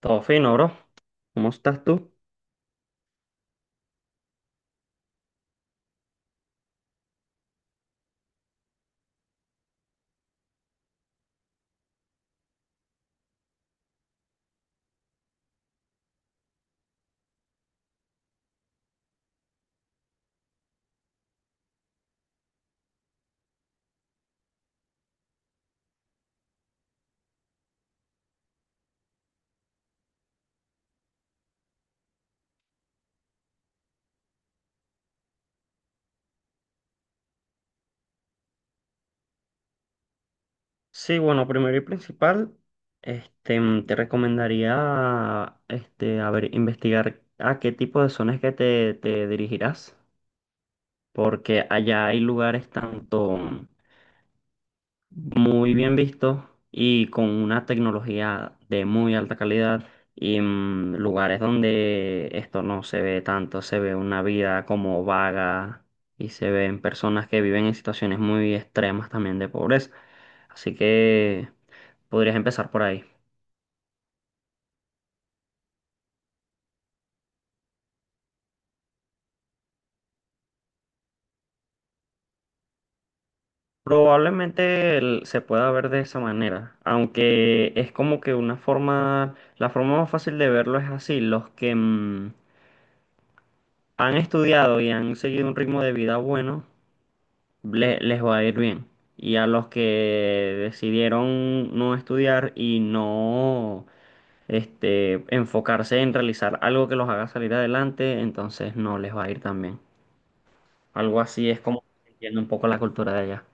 Todo fino, bro. ¿Cómo estás tú? Sí, bueno, primero y principal, te recomendaría, a ver, investigar a qué tipo de zonas que te dirigirás, porque allá hay lugares tanto, muy bien visto y con una tecnología de muy alta calidad y lugares donde esto no se ve tanto, se ve una vida como vaga y se ven personas que viven en situaciones muy extremas también de pobreza. Así que podrías empezar por ahí. Probablemente se pueda ver de esa manera, aunque es como que una forma, la forma más fácil de verlo es así, los que han estudiado y han seguido un ritmo de vida bueno, les va a ir bien. Y a los que decidieron no estudiar y no enfocarse en realizar algo que los haga salir adelante, entonces no les va a ir tan bien. Algo así es como entiendo un poco la cultura de allá.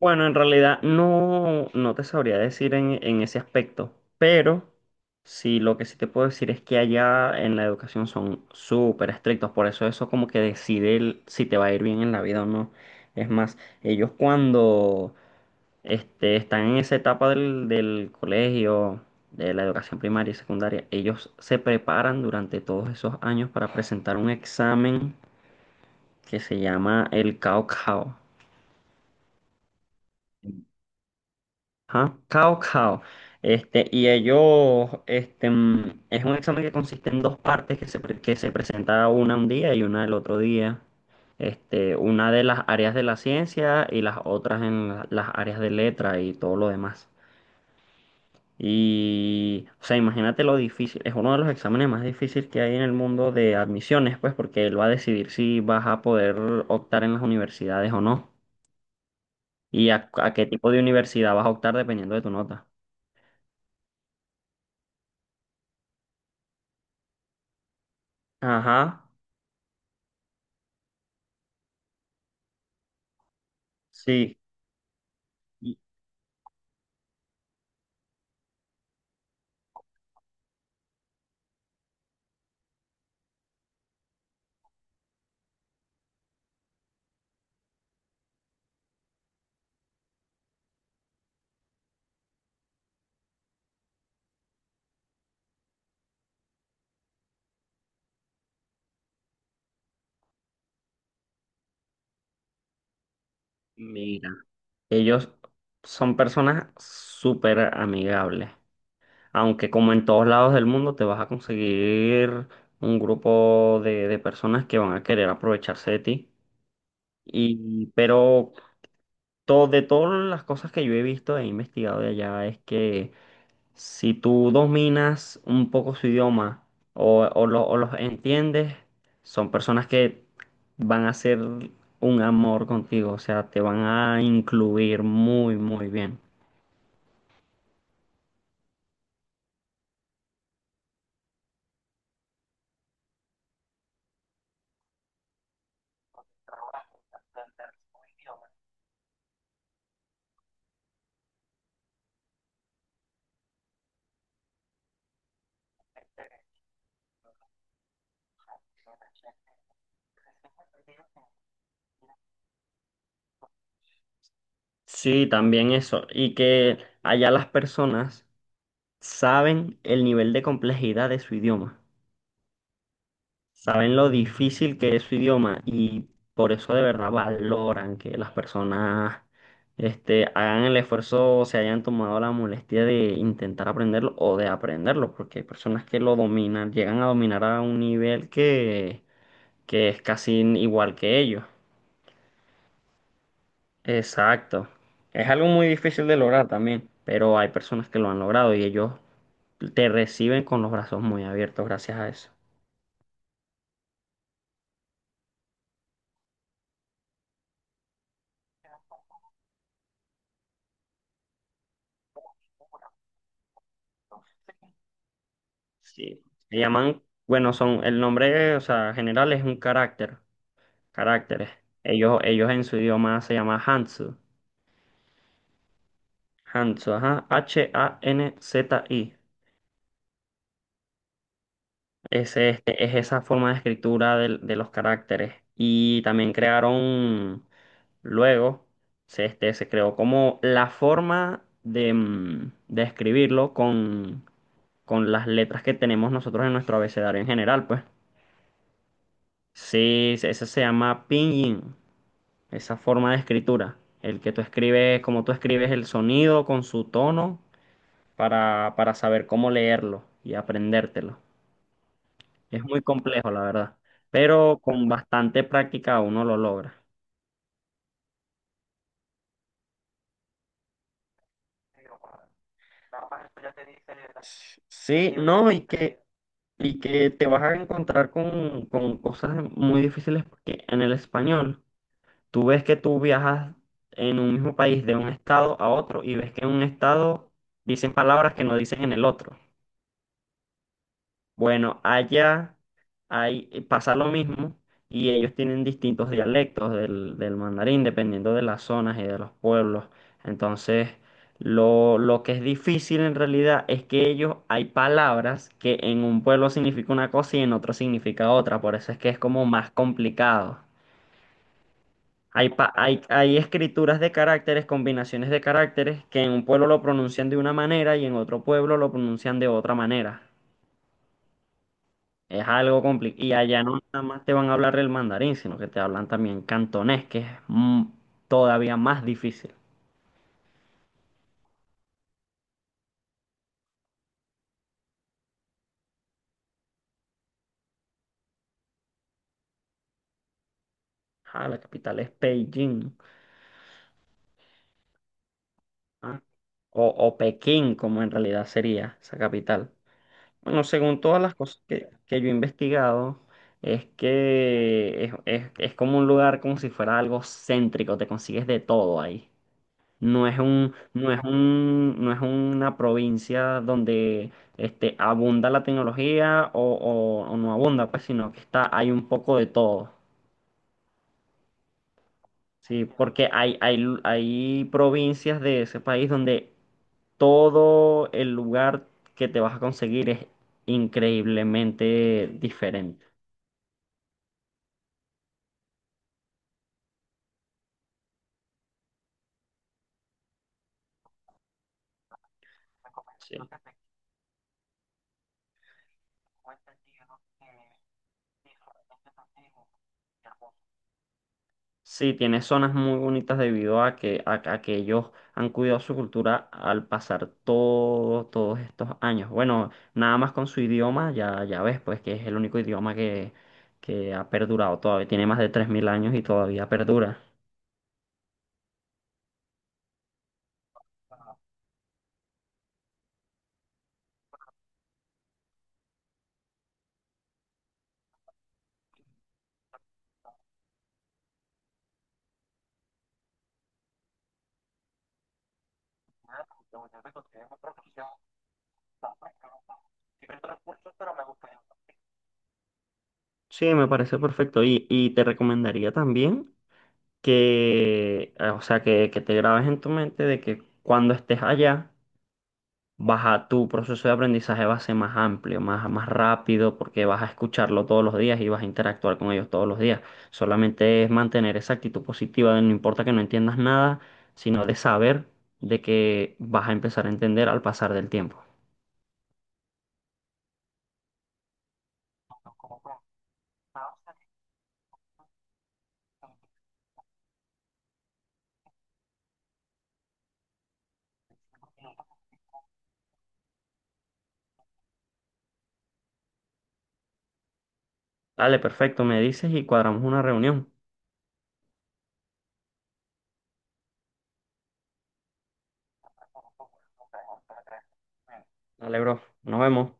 Bueno, en realidad no te sabría decir en ese aspecto, pero sí lo que sí te puedo decir es que allá en la educación son súper estrictos, por eso como que decide si te va a ir bien en la vida o no. Es más, ellos cuando están en esa etapa del colegio, de la educación primaria y secundaria, ellos se preparan durante todos esos años para presentar un examen que se llama el Cao Cao. Ajá, Cao Cao. Y ellos, es un examen que consiste en dos partes que que se presenta una un día y una el otro día. Una de las áreas de la ciencia y las otras en las áreas de letra y todo lo demás. Y, o sea, imagínate lo difícil. Es uno de los exámenes más difíciles que hay en el mundo de admisiones, pues, porque él va a decidir si vas a poder optar en las universidades o no. Y a qué tipo de universidad vas a optar dependiendo de tu nota. Ajá. Sí, y mira, ellos son personas súper amigables, aunque como en todos lados del mundo te vas a conseguir un grupo de personas que van a querer aprovecharse de ti. Pero todo, de todas las cosas que yo he visto e investigado de allá es que si tú dominas un poco su idioma o o los entiendes, son personas que van a ser un amor contigo, o sea, te van a incluir muy, muy bien. Sí, también eso. Y que allá las personas saben el nivel de complejidad de su idioma. Saben lo difícil que es su idioma y por eso de verdad valoran que las personas hagan el esfuerzo, o se hayan tomado la molestia de intentar aprenderlo o de aprenderlo, porque hay personas que lo dominan, llegan a dominar a un nivel que es casi igual que ellos. Exacto. Es algo muy difícil de lograr también, pero hay personas que lo han logrado y ellos te reciben con los brazos muy abiertos gracias a eso. Sí. Le llaman, bueno, son, el nombre, o sea, general es un carácter, caracteres. Ellos en su idioma se llama Hanzu. Hanzu, ajá, HANZI. Ese, este, es esa forma de escritura de, los caracteres. Y también crearon, luego, se creó como la forma de, de escribirlo con las letras que tenemos nosotros en nuestro abecedario en general, pues. Sí, ese se llama Pinyin. Esa forma de escritura, el que tú escribes, como tú escribes el sonido con su tono para saber cómo leerlo y aprendértelo. Es muy complejo, la verdad, pero con bastante práctica uno lo logra. Sí, no, y que te vas a encontrar con cosas muy difíciles porque en el español tú ves que tú viajas en un mismo país de un estado a otro y ves que en un estado dicen palabras que no dicen en el otro. Bueno, allá hay, pasa lo mismo y ellos tienen distintos dialectos del mandarín dependiendo de las zonas y de los pueblos. Entonces, lo que es difícil en realidad es que ellos hay palabras que en un pueblo significa una cosa y en otro significa otra. Por eso es que es como más complicado. Hay, hay escrituras de caracteres, combinaciones de caracteres que en un pueblo lo pronuncian de una manera y en otro pueblo lo pronuncian de otra manera. Es algo complicado. Y allá no nada más te van a hablar el mandarín, sino que te hablan también cantonés, que es todavía más difícil. Ah, la capital es Beijing, ¿no? ¿Ah? O Pekín, como en realidad sería esa capital. Bueno, según todas las cosas que yo he investigado, es que es como un lugar como si fuera algo céntrico, te consigues de todo ahí. No es una provincia donde abunda la tecnología o no abunda, pues, sino que está, hay un poco de todo. Sí, porque hay provincias de ese país donde todo el lugar que te vas a conseguir es increíblemente diferente. Sí. Sí, tiene zonas muy bonitas debido a a que ellos han cuidado su cultura al pasar todos estos años. Bueno, nada más con su idioma, ya, ya ves, pues que es el único idioma que ha perdurado todavía. Tiene más de 3000 años y todavía perdura. Sí, me parece perfecto. Y te recomendaría también o sea, que te grabes en tu mente de que cuando estés allá, tu proceso de aprendizaje va a ser más amplio, más rápido, porque vas a escucharlo todos los días y vas a interactuar con ellos todos los días. Solamente es mantener esa actitud positiva de no importa que no entiendas nada, sino de saber de que vas a empezar a entender al pasar del tiempo. Dale, perfecto, me dices y cuadramos una reunión. Dale, bro, nos vemos.